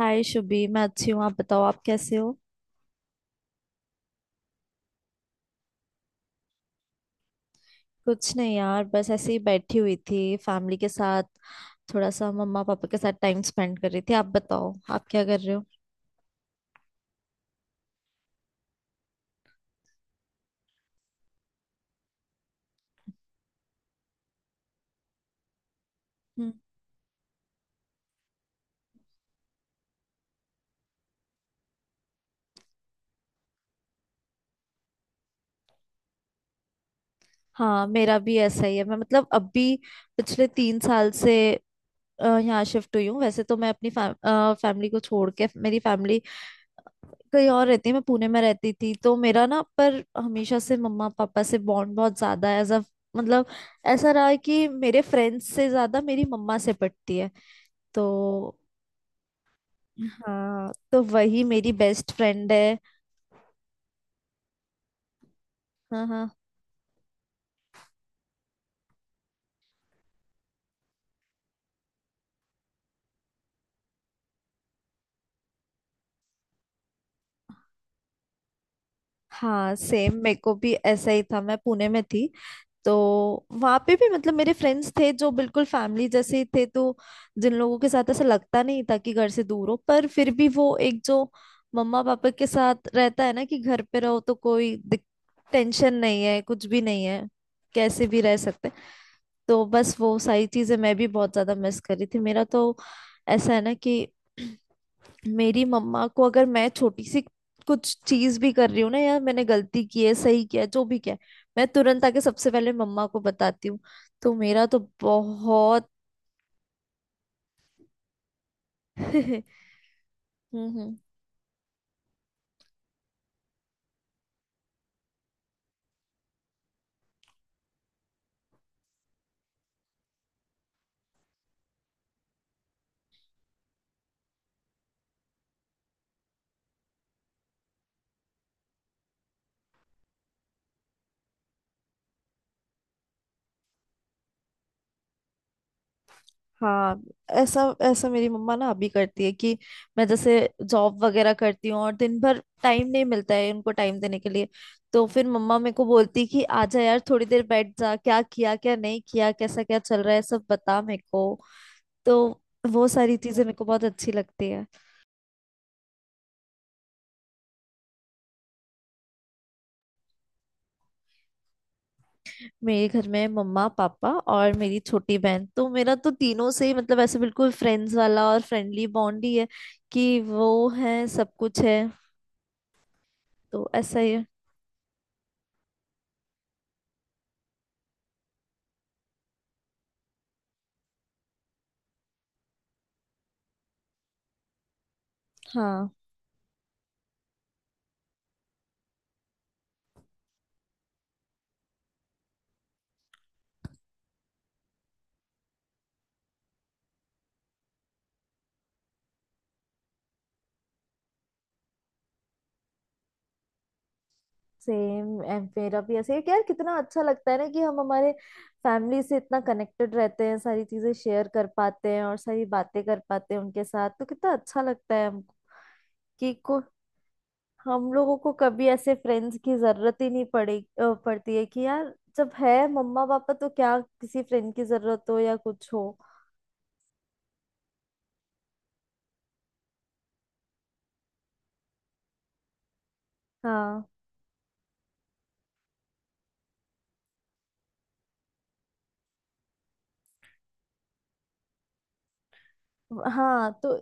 हाय शुभी। मैं अच्छी हूँ। आप बताओ, आप कैसे हो? कुछ नहीं यार, बस ऐसे ही बैठी हुई थी फैमिली के साथ। थोड़ा सा मम्मा पापा के साथ टाइम स्पेंड कर रही थी। आप बताओ, आप क्या कर रहे हो? हम्म। हाँ, मेरा भी ऐसा ही है। मैं मतलब अभी पिछले 3 साल से यहाँ शिफ्ट हुई हूँ। वैसे तो मैं अपनी फैमिली को छोड़ के, मेरी फैमिली कहीं और रहती है। मैं पुणे में रहती थी, तो मेरा ना, पर हमेशा से मम्मा पापा से बॉन्ड बहुत ज्यादा है। एज अ मतलब ऐसा रहा है कि मेरे फ्रेंड्स से ज्यादा मेरी मम्मा से पटती है। तो हाँ, तो वही मेरी बेस्ट फ्रेंड है। हाँ, हाँ। हाँ, सेम। मेरे को भी ऐसा ही था, मैं पुणे में थी। तो वहाँ पे भी मतलब मेरे फ्रेंड्स थे जो बिल्कुल फैमिली जैसे ही थे। तो जिन लोगों के साथ ऐसा लगता नहीं था कि घर से दूर हो, पर फिर भी वो एक जो मम्मा पापा के साथ रहता है ना, कि घर पे रहो तो कोई टेंशन नहीं है, कुछ भी नहीं है, कैसे भी रह सकते हैं। तो बस वो सारी चीजें मैं भी बहुत ज्यादा मिस कर रही थी। मेरा तो ऐसा है ना कि मेरी मम्मा को, अगर मैं छोटी सी कुछ चीज भी कर रही हूँ ना यार, मैंने गलती की है, सही किया है, जो भी किया है, मैं तुरंत आके सबसे पहले मम्मा को बताती हूँ। तो मेरा तो बहुत। हम्म, हम्म। हाँ। ऐसा ऐसा मेरी मम्मा ना अभी करती है कि मैं जैसे जॉब वगैरह करती हूँ और दिन भर टाइम नहीं मिलता है उनको टाइम देने के लिए। तो फिर मम्मा मेरे को बोलती है कि आजा यार, थोड़ी देर बैठ जा, क्या किया क्या नहीं किया, कैसा क्या चल रहा है, सब बता मेरे को। तो वो सारी चीजें मेरे को बहुत अच्छी लगती है। मेरे घर में मम्मा पापा और मेरी छोटी बहन। तो मेरा तो तीनों से ही मतलब ऐसे बिल्कुल फ्रेंड्स वाला और फ्रेंडली बॉन्ड ही है कि वो है सब कुछ है। तो ऐसा ही है। हाँ, सेम। मेरा भी ऐसे ही है कि यार कितना अच्छा लगता है ना कि हम हमारे फैमिली से इतना कनेक्टेड रहते हैं, सारी चीजें शेयर कर पाते हैं और सारी बातें कर पाते हैं उनके साथ, तो कितना अच्छा लगता है हमको। कि को हम लोगों को कभी ऐसे फ्रेंड्स की जरूरत ही नहीं पड़ती है कि यार, जब है मम्मा पापा तो क्या किसी फ्रेंड की जरूरत हो या कुछ हो। हाँ, हाँ। तो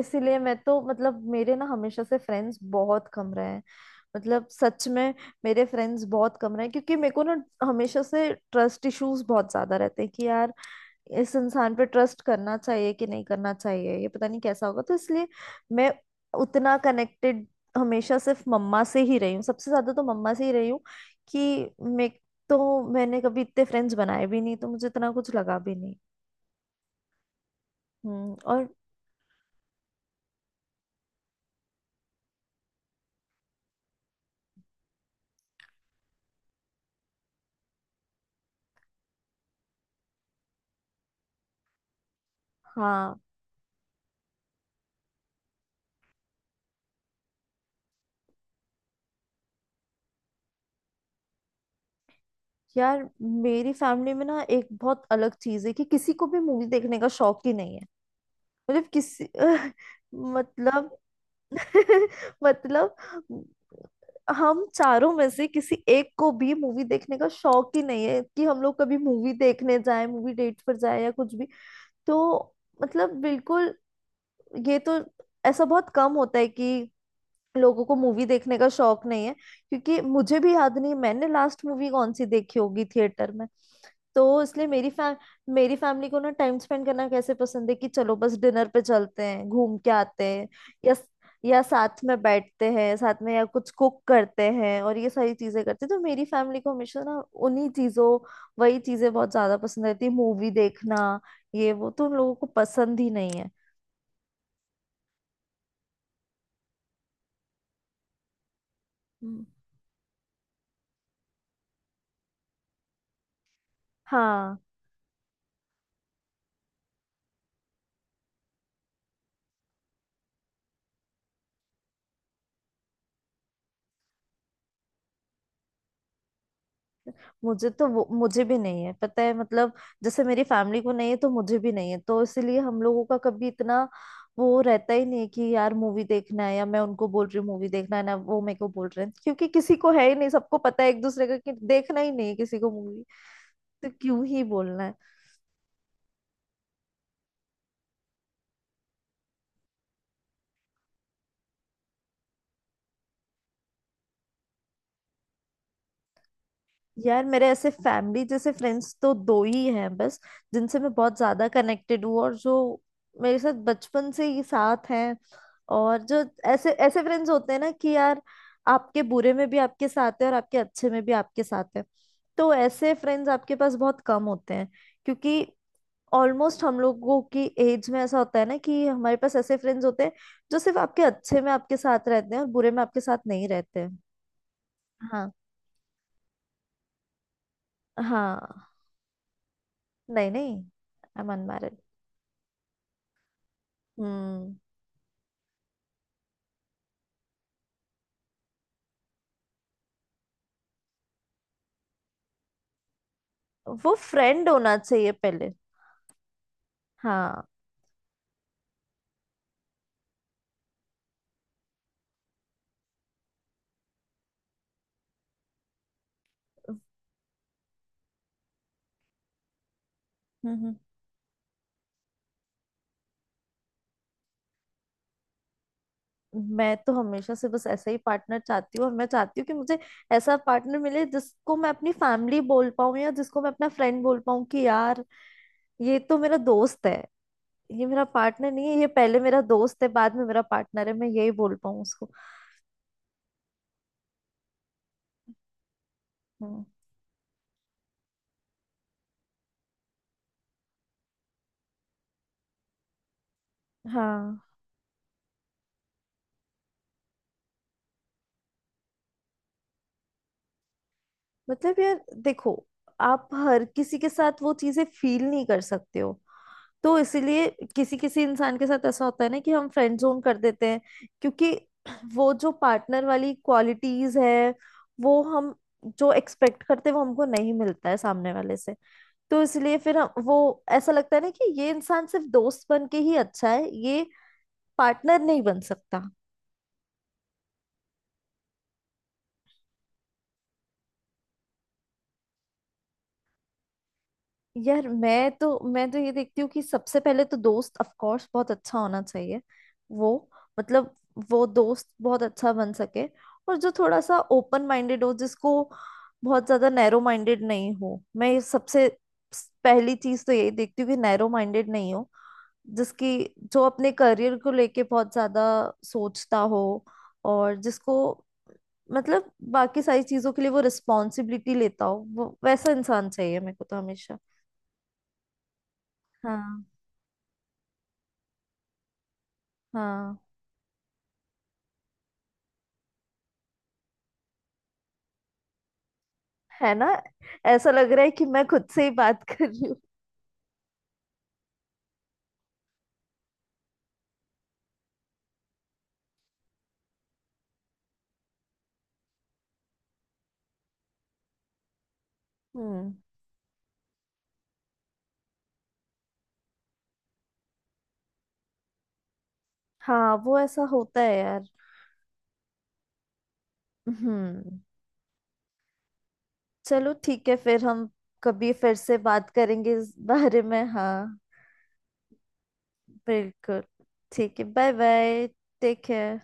इसीलिए मैं तो मतलब मेरे ना हमेशा से फ्रेंड्स बहुत कम रहे हैं, मतलब सच में। मेरे फ्रेंड्स बहुत कम रहे हैं क्योंकि मेरे को ना हमेशा से ट्रस्ट इश्यूज बहुत ज्यादा रहते हैं कि यार, इस इंसान पे ट्रस्ट करना चाहिए कि नहीं करना चाहिए, ये पता नहीं कैसा होगा, तो इसलिए मैं उतना कनेक्टेड हमेशा सिर्फ मम्मा से ही रही हूँ, सबसे ज्यादा तो मम्मा से ही रही हूँ। कि मैं तो मैंने कभी इतने फ्रेंड्स बनाए भी नहीं, तो मुझे इतना कुछ लगा भी नहीं। हम्म। और हाँ यार, मेरी फैमिली में ना एक बहुत अलग चीज है कि किसी को भी मूवी देखने का शौक ही नहीं है। मतलब किसी। मतलब। मतलब हम चारों में से किसी एक को भी मूवी देखने का शौक ही नहीं है कि हम लोग कभी मूवी देखने जाए, मूवी डेट पर जाए, या कुछ भी। तो मतलब बिल्कुल, ये तो ऐसा बहुत कम होता है कि लोगों को मूवी देखने का शौक नहीं है, क्योंकि मुझे भी याद नहीं मैंने लास्ट मूवी कौन सी देखी होगी थिएटर में। तो इसलिए मेरी फैमिली को ना, टाइम स्पेंड करना कैसे पसंद है कि चलो बस डिनर पे चलते हैं, घूम के आते हैं, या या साथ में बैठते हैं, साथ में या कुछ कुक करते हैं और ये सारी चीजें करते हैं। तो मेरी फैमिली को हमेशा ना उन्हीं चीजों वही चीजें बहुत ज्यादा पसंद रहती है। मूवी देखना ये वो तो उन लोगों को पसंद ही नहीं है। हम्म। हाँ, मुझे तो वो मुझे भी नहीं है, पता है। मतलब जैसे मेरी फैमिली को नहीं है तो मुझे भी नहीं है, तो इसलिए हम लोगों का कभी इतना वो रहता ही नहीं है कि यार मूवी देखना है, या मैं उनको बोल रही हूँ मूवी देखना है, ना वो मेरे को बोल रहे हैं, क्योंकि किसी को है ही नहीं, सबको पता है एक दूसरे का कि देखना ही नहीं है किसी को मूवी, तो क्यों ही बोलना है। यार मेरे ऐसे फैमिली जैसे फ्रेंड्स तो दो ही हैं बस, जिनसे मैं बहुत ज्यादा कनेक्टेड हूँ और जो मेरे साथ बचपन से ही साथ हैं। और जो ऐसे ऐसे फ्रेंड्स होते हैं ना कि यार, आपके बुरे में भी आपके साथ है और आपके अच्छे में भी आपके साथ है। तो ऐसे फ्रेंड्स आपके पास बहुत कम होते हैं, क्योंकि ऑलमोस्ट हम लोगों की एज में ऐसा होता है ना कि हमारे पास ऐसे फ्रेंड्स होते हैं जो सिर्फ आपके अच्छे में आपके साथ रहते हैं और बुरे में आपके साथ नहीं रहते हैं। हाँ, हाँ। नहीं, नहीं, आई एम अनमैरिड। हम्म। वो फ्रेंड होना चाहिए पहले। हाँ। हम्म। मैं तो हमेशा से बस ऐसा ही पार्टनर चाहती हूँ, और मैं चाहती हूँ कि मुझे ऐसा पार्टनर मिले जिसको मैं अपनी फैमिली बोल पाऊँ या जिसको मैं अपना फ्रेंड बोल पाऊँ कि यार, ये तो मेरा दोस्त है, ये मेरा पार्टनर नहीं है, ये पहले मेरा दोस्त है बाद में मेरा पार्टनर है, मैं यही बोल पाऊँ उसको। हम्म। हाँ, मतलब यार देखो, आप हर किसी के साथ वो चीजें फील नहीं कर सकते हो, तो इसीलिए किसी किसी इंसान के साथ ऐसा होता है ना कि हम फ्रेंड जोन कर देते हैं। क्योंकि वो जो पार्टनर वाली क्वालिटीज है, वो हम जो एक्सपेक्ट करते हैं, वो हमको नहीं मिलता है सामने वाले से। तो इसलिए फिर हम वो ऐसा लगता है ना कि ये इंसान सिर्फ दोस्त बन के ही अच्छा है, ये पार्टनर नहीं बन सकता। यार मैं तो ये देखती हूँ कि सबसे पहले तो दोस्त ऑफ कोर्स बहुत अच्छा होना चाहिए। वो मतलब वो दोस्त बहुत अच्छा बन सके, और जो थोड़ा सा ओपन माइंडेड हो, जिसको बहुत ज्यादा नैरो माइंडेड नहीं हो। मैं ये सबसे पहली चीज तो यही देखती हूँ कि नैरो माइंडेड नहीं हो, जिसकी जो अपने करियर को लेके बहुत ज्यादा सोचता हो, और जिसको मतलब बाकी सारी चीजों के लिए वो रिस्पॉन्सिबिलिटी लेता हो, वो वैसा इंसान चाहिए मेरे को तो हमेशा। हाँ, हाँ। है ना, ऐसा लग रहा है कि मैं खुद से ही बात कर रही हूँ। हम्म। हाँ वो ऐसा होता है यार। हम्म। चलो ठीक है, फिर हम कभी फिर से बात करेंगे इस बारे में। हाँ, बिल्कुल। ठीक है, बाय बाय। Take care.